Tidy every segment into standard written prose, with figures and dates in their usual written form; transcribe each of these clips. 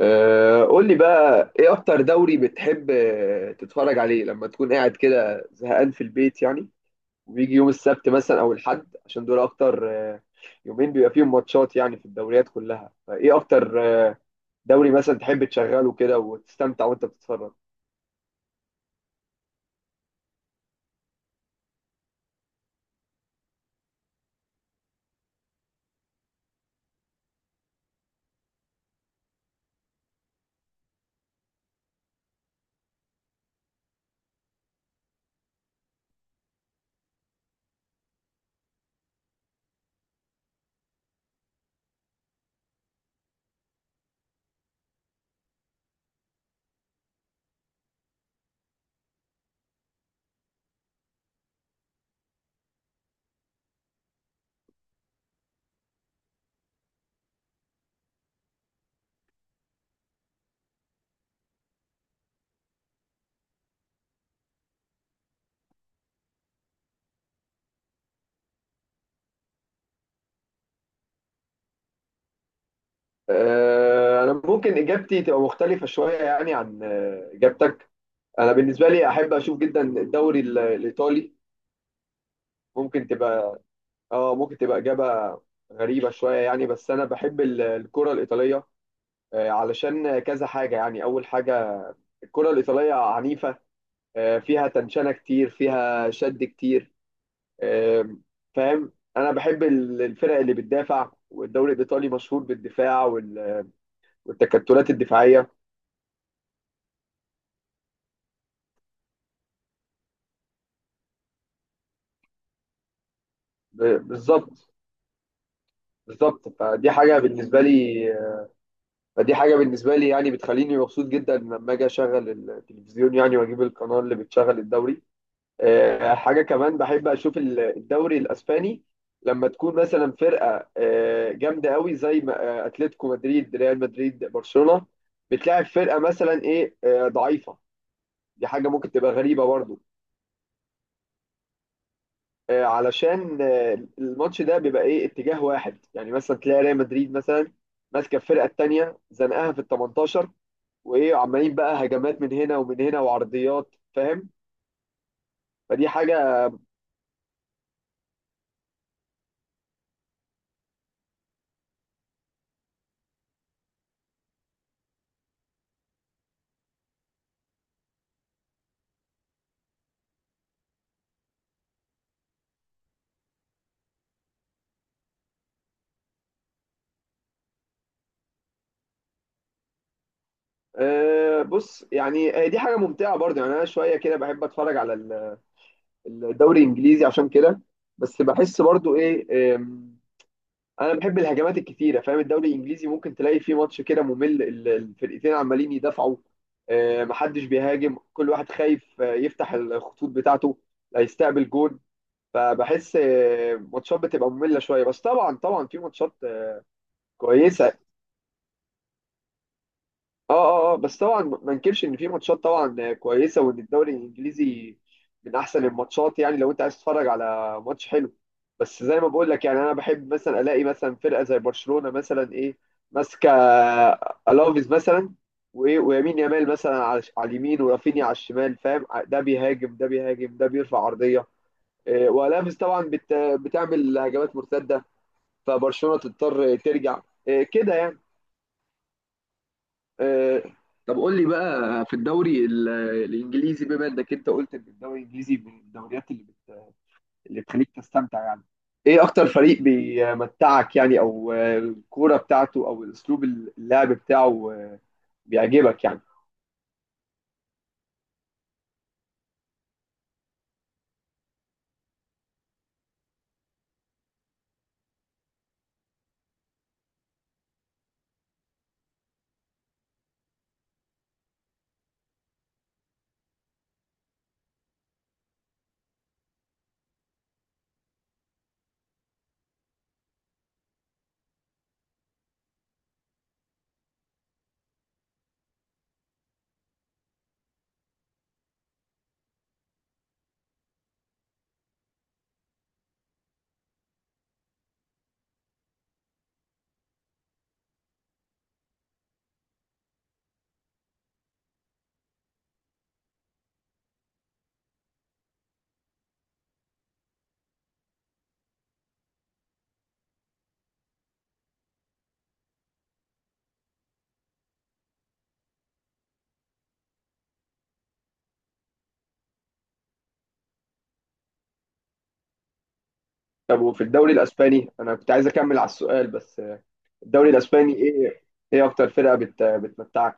قول لي بقى ايه اكتر دوري بتحب تتفرج عليه لما تكون قاعد كده زهقان في البيت يعني. وبيجي يوم السبت مثلا او الحد عشان دول اكتر يومين بيبقى فيهم ماتشات يعني في الدوريات كلها فايه اكتر آه، دوري مثلا تحب تشغله كده وتستمتع وانت بتتفرج. انا ممكن اجابتي تبقى مختلفة شوية يعني عن اجابتك. انا بالنسبة لي احب اشوف جدا الدوري الايطالي. ممكن تبقى، اه ممكن تبقى إجابة غريبة شوية يعني، بس أنا بحب الكرة الإيطالية. علشان كذا حاجة يعني. أول حاجة، الكرة الإيطالية عنيفة، فيها تنشنة كتير فيها شد كتير. آم، فاهم. أنا بحب الفرق اللي بتدافع والدوري الإيطالي مشهور بالدفاع والتكتلات الدفاعية. بالظبط، بالظبط، فدي حاجة بالنسبة لي. فدي حاجة بالنسبة لي يعني بتخليني مبسوط جدا لما أجي أشغل التلفزيون يعني وأجيب القناة اللي بتشغل الدوري. حاجة كمان بحب أشوف الدوري الأسباني، لما تكون مثلا فرقة جامدة قوي زي أتلتيكو مدريد، ريال مدريد، برشلونة، بتلاعب فرقة مثلا إيه ضعيفة. دي حاجة ممكن تبقى غريبة برضو. علشان الماتش ده بيبقى إيه اتجاه واحد يعني، مثلا تلاقي ريال مدريد مثلا ماسكة الفرقة التانية زنقها في ال 18، وإيه عمالين بقى هجمات من هنا ومن هنا وعرضيات، فاهم، فدي حاجة. أه بص يعني، دي حاجة ممتعة برضه يعني. أنا شوية كده بحب أتفرج على الدوري الإنجليزي عشان كده، بس بحس برضه إيه أنا بحب الهجمات الكتيرة فاهم. الدوري الإنجليزي ممكن تلاقي فيه ماتش كده ممل، الفرقتين عمالين يدافعوا، أه محدش بيهاجم، كل واحد خايف يفتح الخطوط بتاعته لا يستقبل جون. فبحس ماتشات بتبقى مملة شوية، بس طبعا طبعا في ماتشات كويسة. اه اه اه، بس طبعا ما انكرش ان في ماتشات طبعا كويسه وان الدوري الانجليزي من احسن الماتشات يعني لو انت عايز تتفرج على ماتش حلو. بس زي ما بقول لك يعني انا بحب مثلا الاقي مثلا فرقه زي برشلونه مثلا ايه ماسكه الافيز مثلا، وايه ويمين يامال مثلا على على اليمين ورافينيا على الشمال، فاهم، ده بيهاجم ده بيهاجم ده بيرفع عرضيه، إيه والافيز طبعا بتعمل هجمات مرتده، فبرشلونه تضطر ترجع، إيه كده يعني. آه، طب قول لي بقى في الدوري الانجليزي، بما انك انت قلت ان الدوري الانجليزي من الدوريات اللي بتخليك تستمتع يعني، ايه اكتر فريق بيمتعك يعني؟ او الكوره بتاعته او اسلوب اللعب بتاعه بيعجبك يعني؟ طب وفي الدوري الاسباني، انا كنت عايز اكمل على السؤال بس الدوري الاسباني ايه؟ ايه اكتر فرقه بتمتعك؟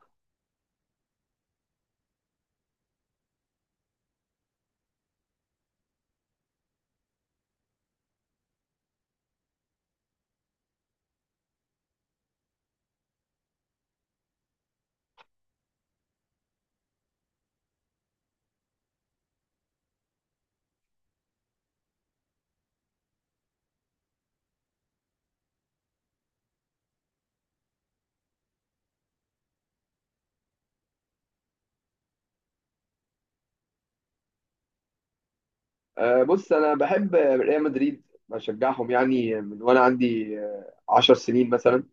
بص انا بحب ريال مدريد، بشجعهم يعني من وانا عندي 10 سنين مثلا.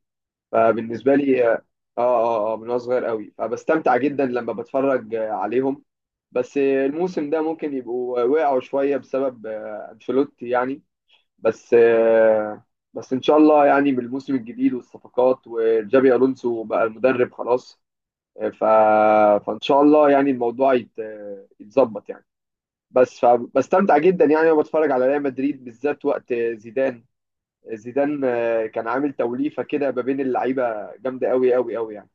فبالنسبه لي اه اه اه من وانا صغير قوي، فبستمتع جدا لما بتفرج عليهم. بس الموسم ده ممكن يبقوا وقعوا شويه بسبب انشيلوتي يعني. بس آه، بس ان شاء الله يعني بالموسم الجديد والصفقات وجابي الونسو بقى المدرب خلاص. آه، ف... فان شاء الله يعني الموضوع يتظبط يعني. بس فبستمتع جدا يعني وانا بتفرج على ريال مدريد بالذات وقت زيدان. زيدان كان عامل توليفه كده ما بين اللعيبه جامده قوي قوي قوي يعني.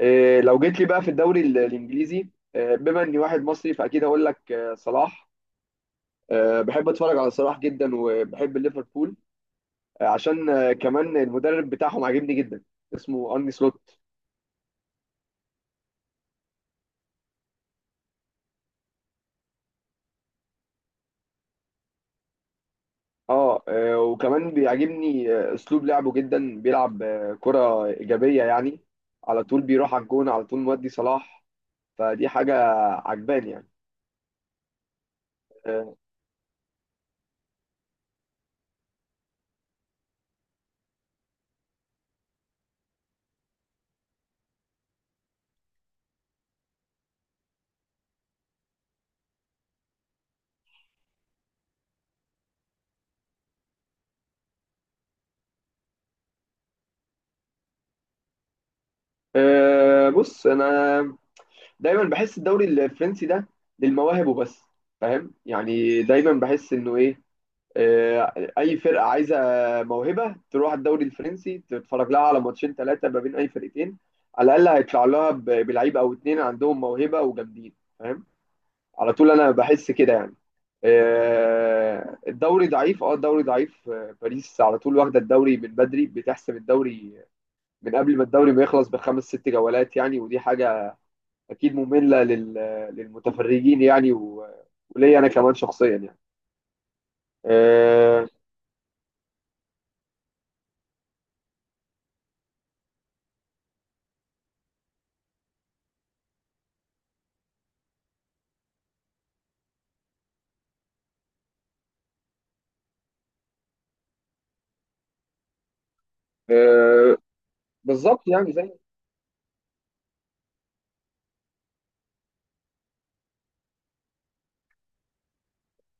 لو جيت لي بقى في الدوري الانجليزي، بما اني واحد مصري فاكيد هقول لك صلاح. بحب اتفرج على صلاح جدا وبحب ليفربول، عشان كمان المدرب بتاعهم عاجبني جدا، اسمه ارني سلوت. اه وكمان بيعجبني اسلوب لعبه جدا، بيلعب كرة ايجابية يعني، على طول بيروح على الجون، على طول مودي صلاح، فدي حاجة عجباني يعني. آه، أه بص انا دايما بحس الدوري الفرنسي ده للمواهب وبس، فاهم يعني. دايما بحس انه ايه، أه اي فرقه عايزه موهبه تروح الدوري الفرنسي، تتفرج لها على ماتشين ثلاثه ما بين اي فرقتين على الاقل هيطلع لها بلعيب او اتنين عندهم موهبه وجامدين، فاهم، على طول انا بحس كده يعني. أه الدوري ضعيف، اه الدوري ضعيف، باريس على طول واخده الدوري من بدري، بتحسم الدوري من قبل ما الدوري ما يخلص بخمس ست جولات يعني، ودي حاجه اكيد ممله للمتفرجين يعني، وليا انا كمان شخصيا يعني. آه آه بالظبط يعني زي.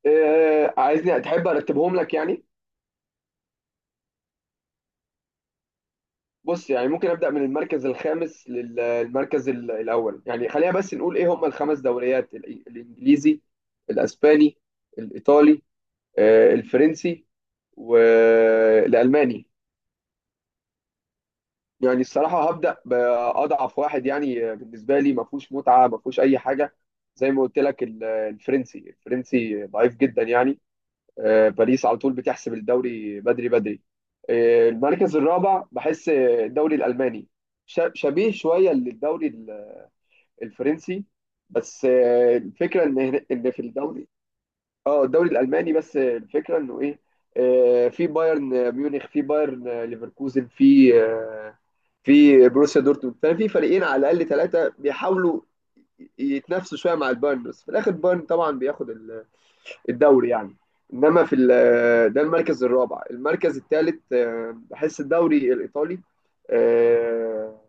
عايزني تحب ارتبهم لك يعني؟ بص يعني ممكن ابدا من المركز الخامس للمركز الاول يعني. خلينا بس نقول ايه هم الخمس دوريات، الانجليزي، الاسباني، الايطالي، الفرنسي، والالماني. يعني الصراحة هبدأ بأضعف واحد يعني، بالنسبة لي ما فيهوش متعة ما فيهوش أي حاجة، زي ما قلت لك الفرنسي. الفرنسي ضعيف جدا يعني، باريس على طول بتحسب الدوري بدري بدري. المركز الرابع بحس الدوري الألماني شبيه شوية للدوري الفرنسي، بس الفكرة إن إن في الدوري، اه الدوري الالماني، بس الفكره انه ايه، في بايرن ميونخ، في بايرن ليفركوزن، في في بروسيا دورتموند، ففي فريقين على الاقل ثلاثه بيحاولوا يتنافسوا شويه مع البايرن، بس في الاخر بايرن طبعا بياخد الدوري يعني. انما في ده المركز الرابع. المركز الثالث بحس الدوري الايطالي، آه،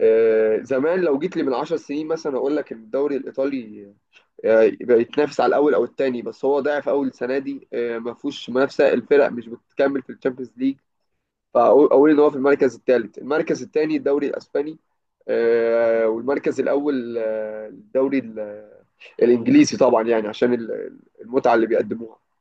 زمان لو جيت لي من 10 سنين مثلا اقول لك ان الدوري الايطالي يبقى يتنافس على الاول او الثاني، بس هو ضعف اول السنه دي، ما فيهوش منافسه، الفرق مش بتكمل في الشامبيونز ليج، فاقول أقول ان هو في المركز الثالث. المركز الثاني الدوري الاسباني، والمركز الاول الدوري الانجليزي طبعا يعني عشان المتعه اللي بيقدموها.